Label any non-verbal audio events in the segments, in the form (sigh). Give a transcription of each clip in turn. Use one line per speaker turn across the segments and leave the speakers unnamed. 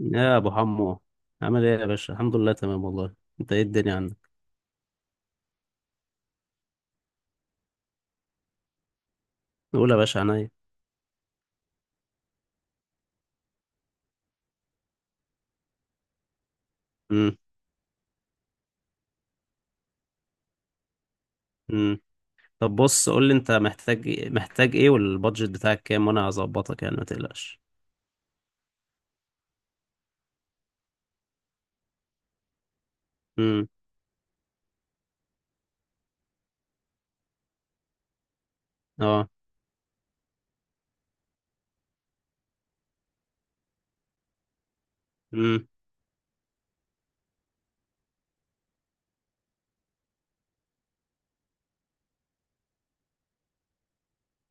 يا ابو حمو، عامل ايه يا باشا؟ الحمد لله تمام والله. انت ايه الدنيا عندك؟ نقول يا باشا، عينيا. امم امم طب بص، قول لي انت محتاج إيه، محتاج ايه، والبادجت بتاعك كام، وانا هظبطك يعني ما تقلقش. امم اه. امم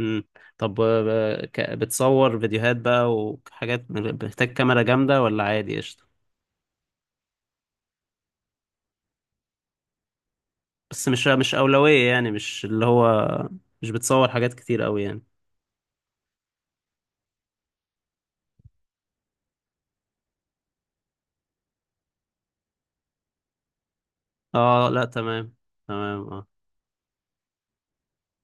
امم طب بتصور فيديوهات بقى وحاجات، محتاج كاميرا جامدة ولا عادي؟ قشطة. بس مش أولوية يعني، مش اللي هو مش بتصور حاجات كتير قوي يعني. اه لا تمام. تمام اه.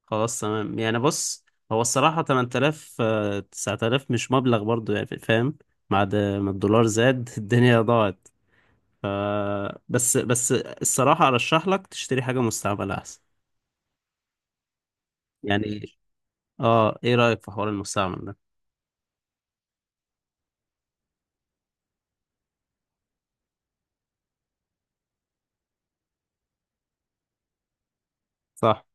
خلاص تمام يعني. بص، هو الصراحة 8000 9000 مش مبلغ برضو يعني، فاهم. بعد ما الدولار زاد (laughs) الدنيا ضاعت. ف بس الصراحة أرشح لك تشتري حاجة مستعملة أحسن. يعني. اه، ايه رأيك في حوار المستعمل ده؟ صح.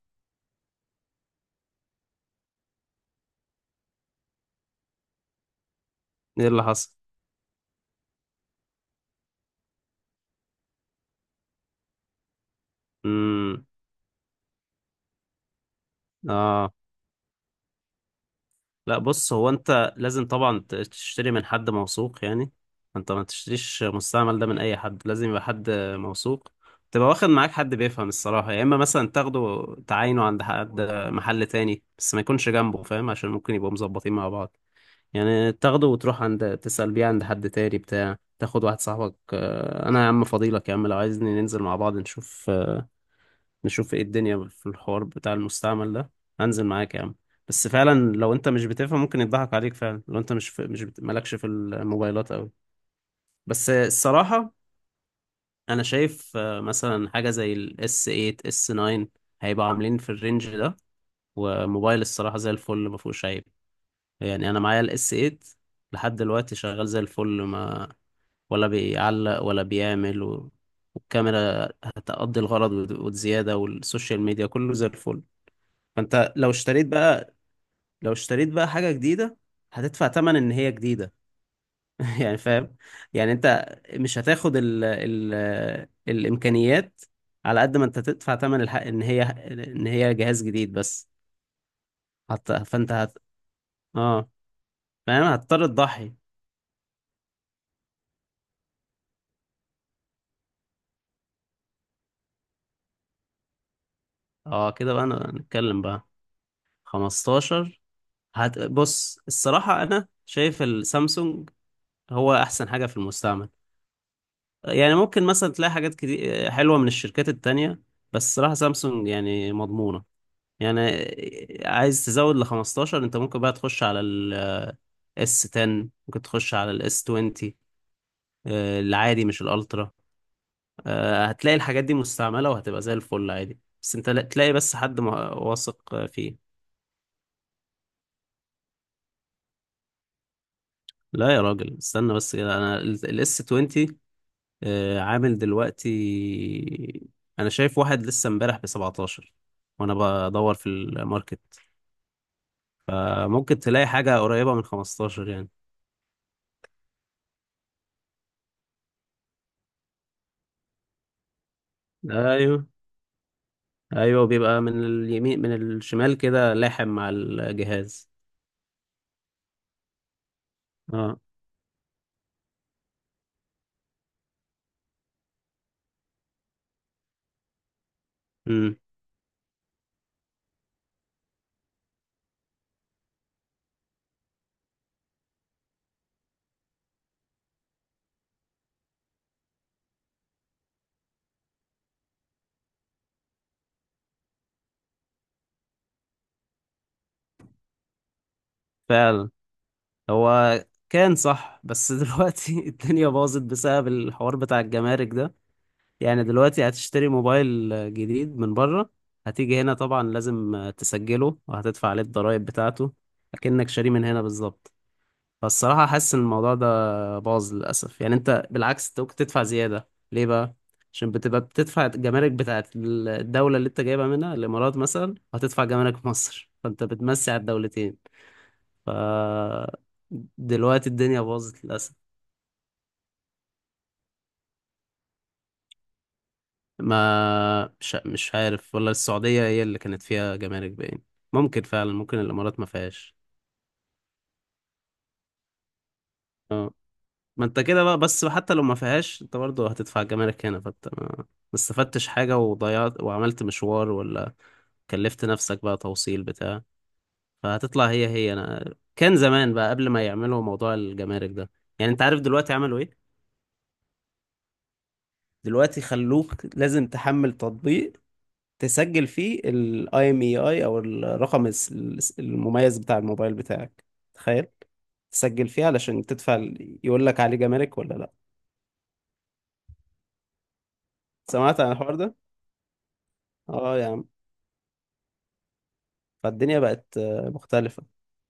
ايه اللي حصل؟ امم اه لا، بص، هو انت لازم طبعا تشتري من حد موثوق يعني. انت ما تشتريش مستعمل ده من اي حد، لازم يبقى حد موثوق. تبقى واخد معاك حد بيفهم الصراحة، يا اما مثلا تاخده تعاينه عند حد، محل تاني، بس ما يكونش جنبه فاهم عشان ممكن يبقوا مظبطين مع بعض. يعني تاخده وتروح عند تسأل بيه عند حد تاني، بتاع تاخد واحد صاحبك، اه، انا يا عم فضيلك يا عم، لو عايزني ننزل مع بعض نشوف ايه الدنيا في الحوار بتاع المستعمل ده، هنزل معاك يا عم. بس فعلا لو انت مش بتفهم ممكن يضحك عليك فعلا، لو انت مش في مش بت... مالكش في الموبايلات قوي. بس الصراحة انا شايف مثلا حاجة زي الاس 8 اس 9، هيبقى عاملين في الرينج ده، وموبايل الصراحة زي الفل ما فيهوش عيب يعني. انا معايا الاس 8 لحد دلوقتي شغال زي الفل، ما ولا بيعلق ولا بيعمل والكاميرا هتقضي الغرض وزيادة، والسوشيال ميديا كله زي الفل. فانت لو اشتريت بقى حاجة جديدة، هتدفع تمن ان هي جديدة (laughs) يعني فاهم. يعني انت مش هتاخد ال الامكانيات على قد ما انت تدفع تمن الحق ان هي جهاز جديد، بس هت... فانت هت... اه فاهم. هتضطر تضحي. اه كده بقى، نتكلم بقى. 15، بص الصراحة انا شايف السامسونج هو احسن حاجة في المستعمل. يعني ممكن مثلا تلاقي حاجات كتير حلوة من الشركات التانية، بس الصراحة سامسونج يعني مضمونة يعني. عايز تزود ل 15، انت ممكن بقى تخش على الاس 10، ممكن تخش على الاس 20 العادي مش الالترا، هتلاقي الحاجات دي مستعملة وهتبقى زي الفل عادي، بس انت تلاقي بس حد واثق فيه. لا يا راجل، استنى بس كده. انا الاس 20 عامل دلوقتي، انا شايف واحد لسه امبارح ب 17 وانا بدور في الماركت. فممكن تلاقي حاجة قريبة من 15 يعني. ايوه. ايوه بيبقى من اليمين، من الشمال كده لاحم مع الجهاز. اه. امم فعلا. هو كان صح بس (laughs) دلوقتي الدنيا باظت بسبب الحوار بتاع الجمارك ده. يعني دلوقتي هتشتري موبايل جديد من بره، هتيجي هنا طبعا لازم تسجله وهتدفع عليه الضرايب بتاعته، اكنك شاريه من هنا بالظبط. فالصراحة حاسس إن الموضوع ده باظ للأسف، يعني أنت بالعكس ممكن تدفع زيادة، ليه بقى؟ عشان بتبقى بتدفع الجمارك بتاعت الدولة اللي أنت جايبها منها، الإمارات مثلا، هتدفع جمارك في مصر، فأنت بتمسي على الدولتين. ف دلوقتي الدنيا باظت للأسف. ما مش عارف والله، السعودية هي اللي كانت فيها جمارك باين، ممكن فعلا ممكن الإمارات ما فيهاش. آه. ما انت كده بقى، بس حتى لو ما فيهاش انت برضه هتدفع جمارك هنا، فانت ما استفدتش حاجة وضيعت وعملت مشوار، ولا كلفت نفسك بقى توصيل بتاع، فهتطلع هي انا كان زمان بقى قبل ما يعملوا موضوع الجمارك ده. يعني انت عارف دلوقتي عملوا ايه؟ دلوقتي خلوك لازم تحمل تطبيق، تسجل فيه الاي ام اي اي او الرقم المميز بتاع الموبايل بتاعك، تخيل. تسجل فيه علشان تدفع يقول لك عليه جمارك ولا لا. سمعت عن الحوار ده. اه يا عم، فالدنيا بقت مختلفة.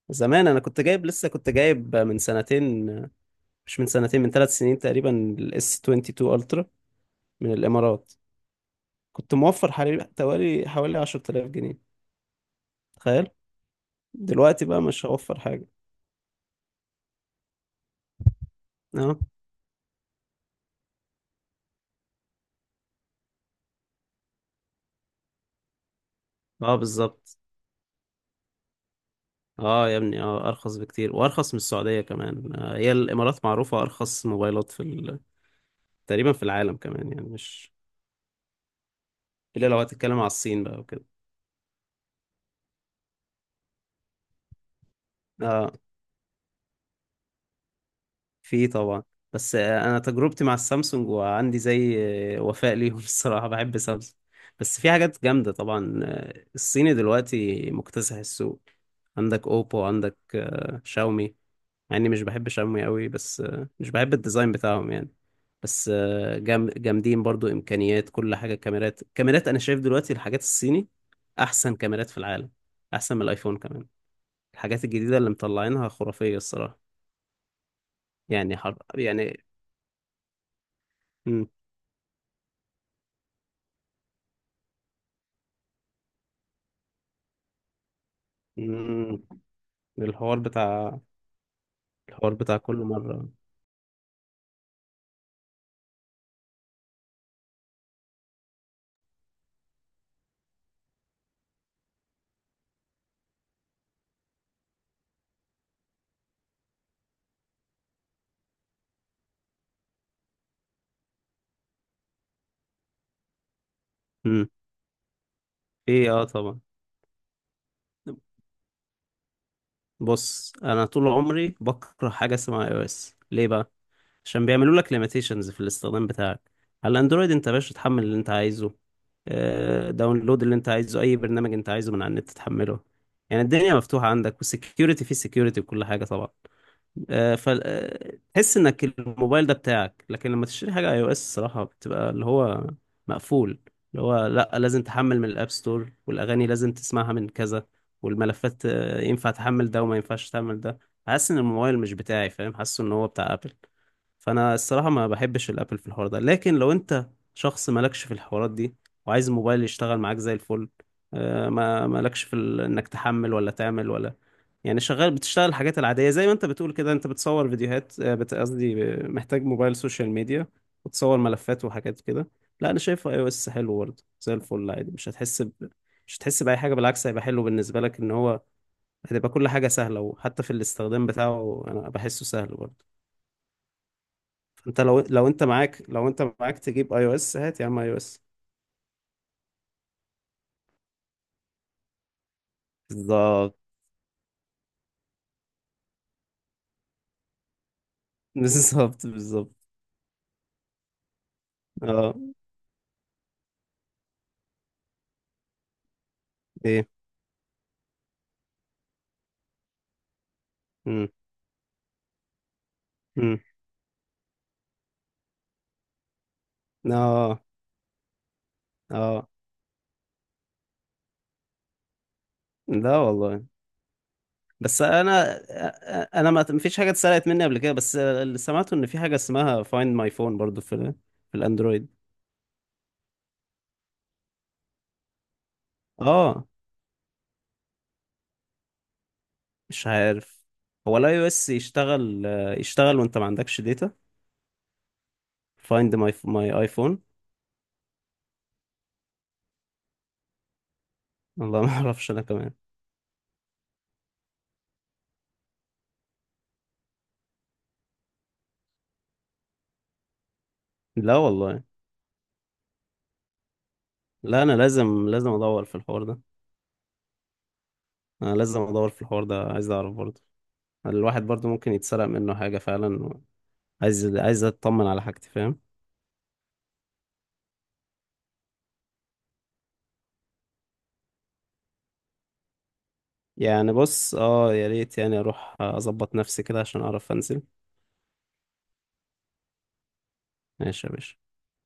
زمان انا كنت جايب من سنتين، مش من سنتين، من ثلاث سنين تقريبا، الاس 22 الترا من الامارات، كنت موفر حوالي 10,000 جنيه، تخيل. دلوقتي بقى مش هوفر حاجة. اه. اه بالظبط. اه يا ابني، اه ارخص بكتير وارخص من السعودية كمان هي الامارات معروفة ارخص موبايلات في تقريبا في العالم كمان، يعني مش الا لو هتتكلم على الصين بقى وكده. اه في طبعا، بس انا تجربتي مع السامسونج وعندي زي وفاء ليهم (laughs) الصراحه بحب سامسونج. بس في حاجات جامده طبعا، الصيني دلوقتي مكتسح السوق، عندك اوبو، عندك شاومي، مع اني مش بحب شاومي قوي، بس مش بحب الديزاين بتاعهم يعني. بس جامدين برضو امكانيات، كل حاجه، كاميرات. انا شايف دلوقتي الحاجات الصيني احسن كاميرات في العالم، احسن من الايفون كمان، الحاجات الجديده اللي مطلعينها خرافيه الصراحه. يعني يعني. مم. الحوار بتاع الحوار بتاع كل مرة. مم. ايه اه طبعا. بص، انا طول عمري بكره حاجة اسمها اي او اس. ليه بقى؟ عشان بيعملوا لك ليميتيشنز في الاستخدام بتاعك. على الاندرويد، انت يا باشا تحمل اللي انت عايزه، داونلود اللي انت عايزه، اي برنامج انت عايزه من على النت تحمله يعني. الدنيا مفتوحة عندك، والسكيورتي فيه سكيورتي وكل حاجة طبعا. فتحس انك الموبايل ده بتاعك. لكن لما تشتري حاجه اي او اس الصراحه بتبقى اللي هو مقفول، اللي هو لا، لازم تحمل من الاب ستور، والاغاني لازم تسمعها من كذا، والملفات ينفع تحمل ده وما ينفعش تحمل ده. حاسس ان الموبايل مش بتاعي، فاهم، حاسس ان هو بتاع ابل. فانا الصراحه ما بحبش الابل في الحوار ده. لكن لو انت شخص مالكش في الحوارات دي، وعايز الموبايل يشتغل معاك زي الفل، ما مالكش في انك تحمل ولا تعمل ولا. يعني شغال، بتشتغل الحاجات العادية، زي ما انت بتقول كده انت بتصور فيديوهات قصدي محتاج موبايل سوشيال ميديا وتصور ملفات وحاجات كده. لا انا شايفه اي او اس حلو برضه زي الفل عادي، مش هتحس بأي حاجة، بالعكس هيبقى حلو بالنسبة لك، ان هو هتبقى كل حاجة سهلة، وحتى في الاستخدام بتاعه انا بحسه سهل برضه. فانت لو انت معاك تجيب اي او اس، هات يا عم اي او اس. بالظبط. (laughs) بالظبط بالظبط. اه. ايه. امم امم اه اه لا والله. بس انا ما فيش حاجه اتسرقت مني قبل كده، بس اللي سمعته ان في حاجه اسمها فايند ماي فون برضو في الاندرويد. اه مش عارف. هو الاي او اس يشتغل، يشتغل وانت ما عندكش داتا فايند ماي ايفون. والله (laughs) ما اعرفش انا كمان. لا والله. لا انا لازم ادور في الحوار ده. انا لازم ادور في الحوار ده، عايز اعرف برضو، الواحد برضو ممكن يتسرق منه حاجه فعلا، عايز اطمن على حاجتي، فاهم. يعني بص، اه يا ريت يعني اروح اظبط نفسي كده عشان اعرف انزل. ماشي يا باشا.